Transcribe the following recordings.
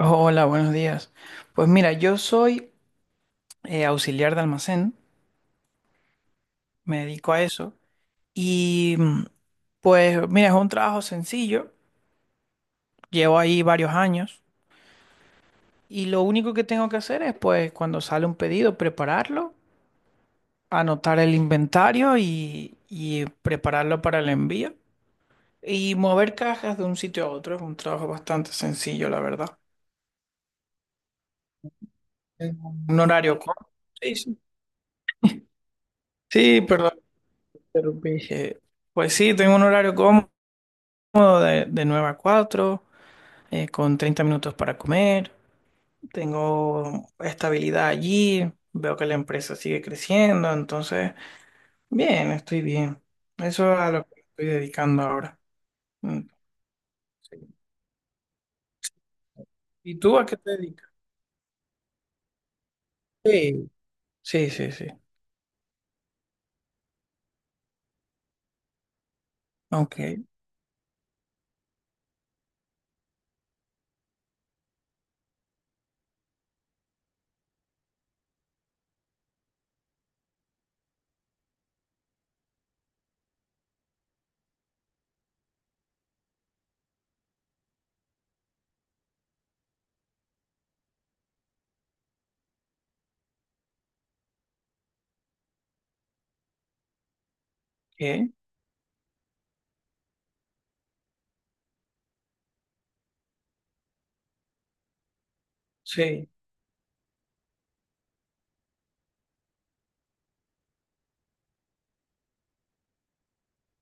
Hola, buenos días. Pues mira, yo soy auxiliar de almacén, me dedico a eso y mm, pues mira, es un trabajo sencillo, llevo ahí varios años y lo único que tengo que hacer es pues cuando sale un pedido prepararlo, anotar el inventario y prepararlo para el envío y mover cajas de un sitio a otro, es un trabajo bastante sencillo, la verdad. Tengo un horario cómodo. Sí, sí. Sí, perdón, te interrumpí. Pues sí, tengo un horario cómodo. De 9 a 4, con 30 minutos para comer, tengo estabilidad allí, veo que la empresa sigue creciendo, entonces, bien, estoy bien. Eso es a lo que estoy dedicando ahora. Mm, sí. ¿Y tú a qué te dedicas? Sí, sí, sí, sí. Ok. ¿Qué? Sí.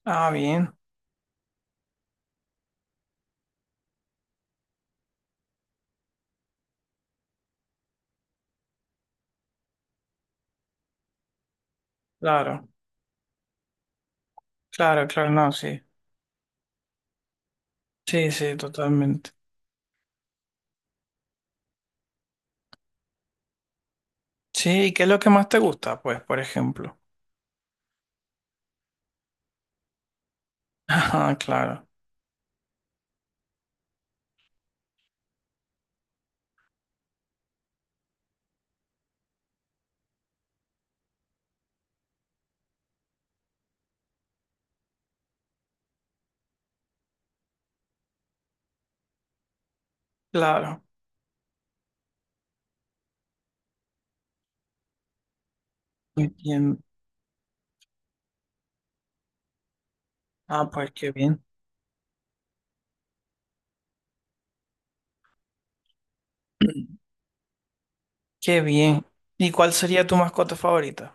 Ah, bien, claro, claro, claro, no, sí. Sí, sí, totalmente. Sí, ¿y qué es lo que más te gusta? Pues, por ejemplo. Ah, claro, claro. Entiendo. Ah, pues qué bien. Qué bien. ¿Y cuál sería tu mascota favorita?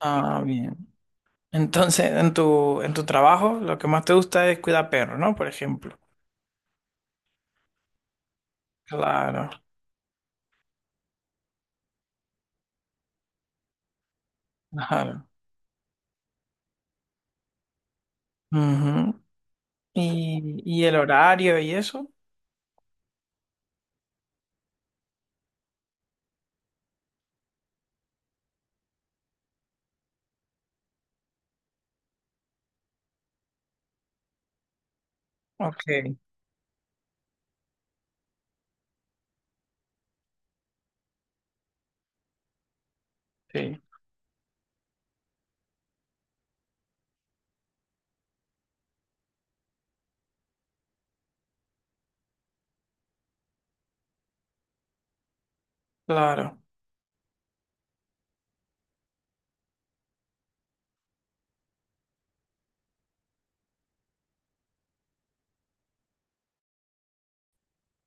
Ah, bien. Entonces, en tu trabajo, lo que más te gusta es cuidar perros, ¿no? Por ejemplo. Claro, claro. Ujú. Y el horario y eso? Ok, sí. Claro,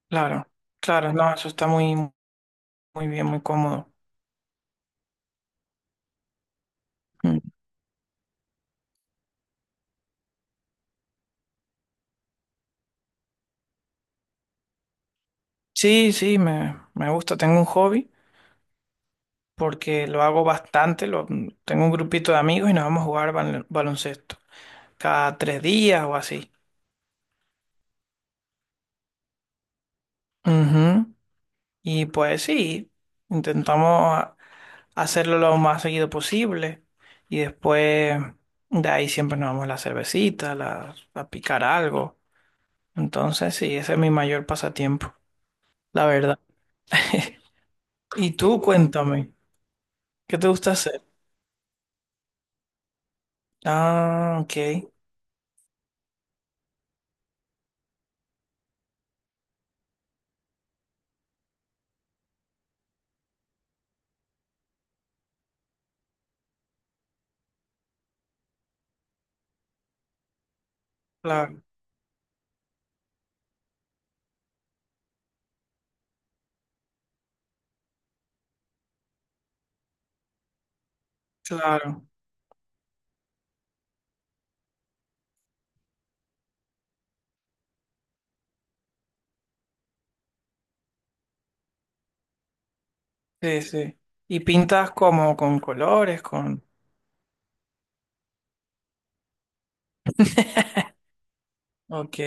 claro, claro. No, eso está muy, muy bien, muy cómodo. Mm. Sí, sí, me gusta. Tengo un hobby porque lo hago bastante. Lo, tengo un grupito de amigos y nos vamos a jugar baloncesto cada 3 días o así. Ujú. Y pues sí, intentamos a- hacerlo lo más seguido posible y después de ahí siempre nos vamos a la cervecita, a picar algo. Entonces sí, ese es mi mayor pasatiempo, la verdad. Y tú cuéntame, ¿qué te gusta hacer? Ah, ok, claro, claro, sí, sí. ¿Y pintas como con colores, con... Ok,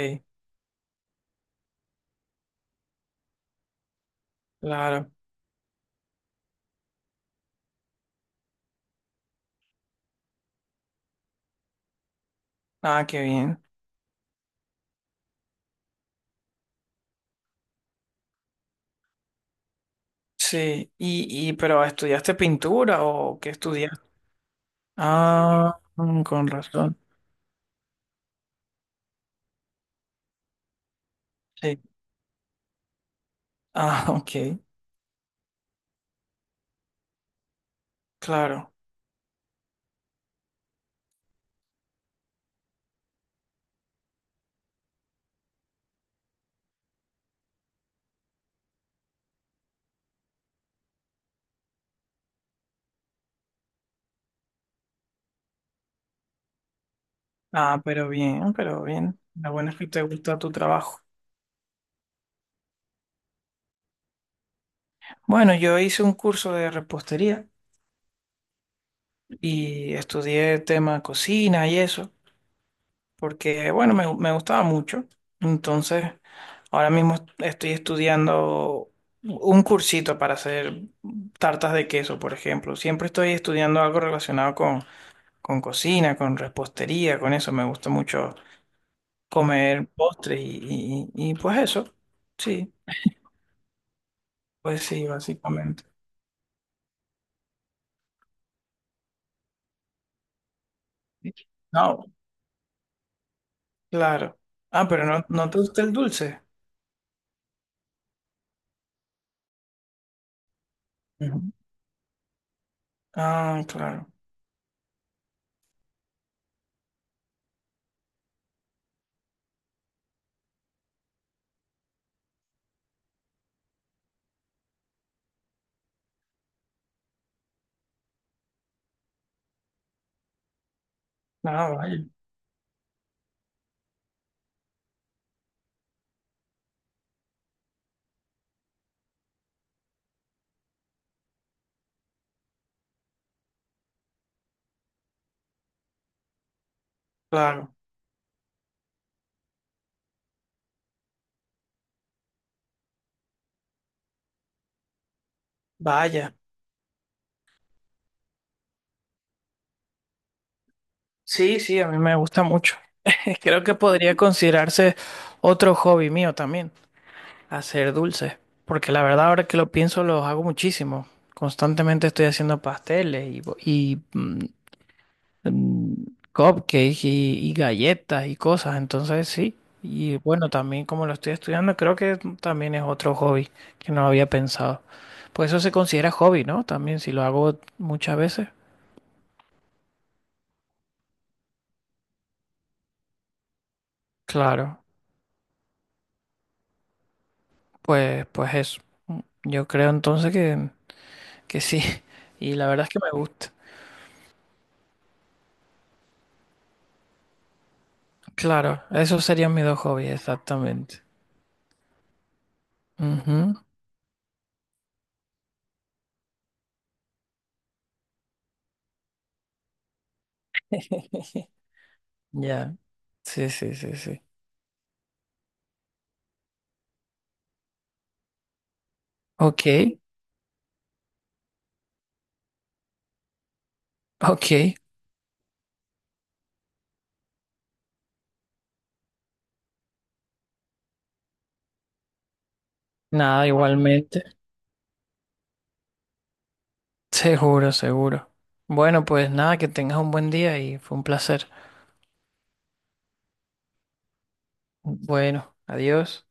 claro. Ah, qué bien. Sí, y pero ¿estudiaste pintura o qué estudiaste? Ah, mm, con razón. Sí. Ah, ok, claro. Ah, pero bien, pero bien. La buena es que te gusta tu trabajo. Bueno, yo hice un curso de repostería y estudié tema cocina y eso, porque bueno, me gustaba mucho. Entonces, ahora mismo estoy estudiando un cursito para hacer tartas de queso, por ejemplo. Siempre estoy estudiando algo relacionado con cocina, con repostería, con eso. Me gusta mucho comer postres y pues eso. Sí, pues sí, básicamente. No, claro. Ah, pero no, no te gusta el dulce. Ujú. Ah, claro. Ah, vaya. Claro. Vaya. Sí, sí, a mí me gusta mucho. Creo que podría considerarse otro hobby mío también, hacer dulces. Porque la verdad, ahora que lo pienso, los hago muchísimo. Constantemente estoy haciendo pasteles y mm, cupcakes y galletas y cosas, entonces sí. Y bueno, también como lo estoy estudiando, creo que también es otro hobby que no había pensado. Pues eso se considera hobby, ¿no? También si lo hago muchas veces. Claro, pues, pues eso. Mm, Yo creo entonces que sí. Y la verdad es que me gusta. Claro, esos serían mis dos hobbies, exactamente. Ujú. Ya, sí, sí, sí, sí. Ok, ok. Nada, igualmente. Seguro, seguro. Bueno, pues nada, que tengas un buen día y fue un placer. Bueno, adiós.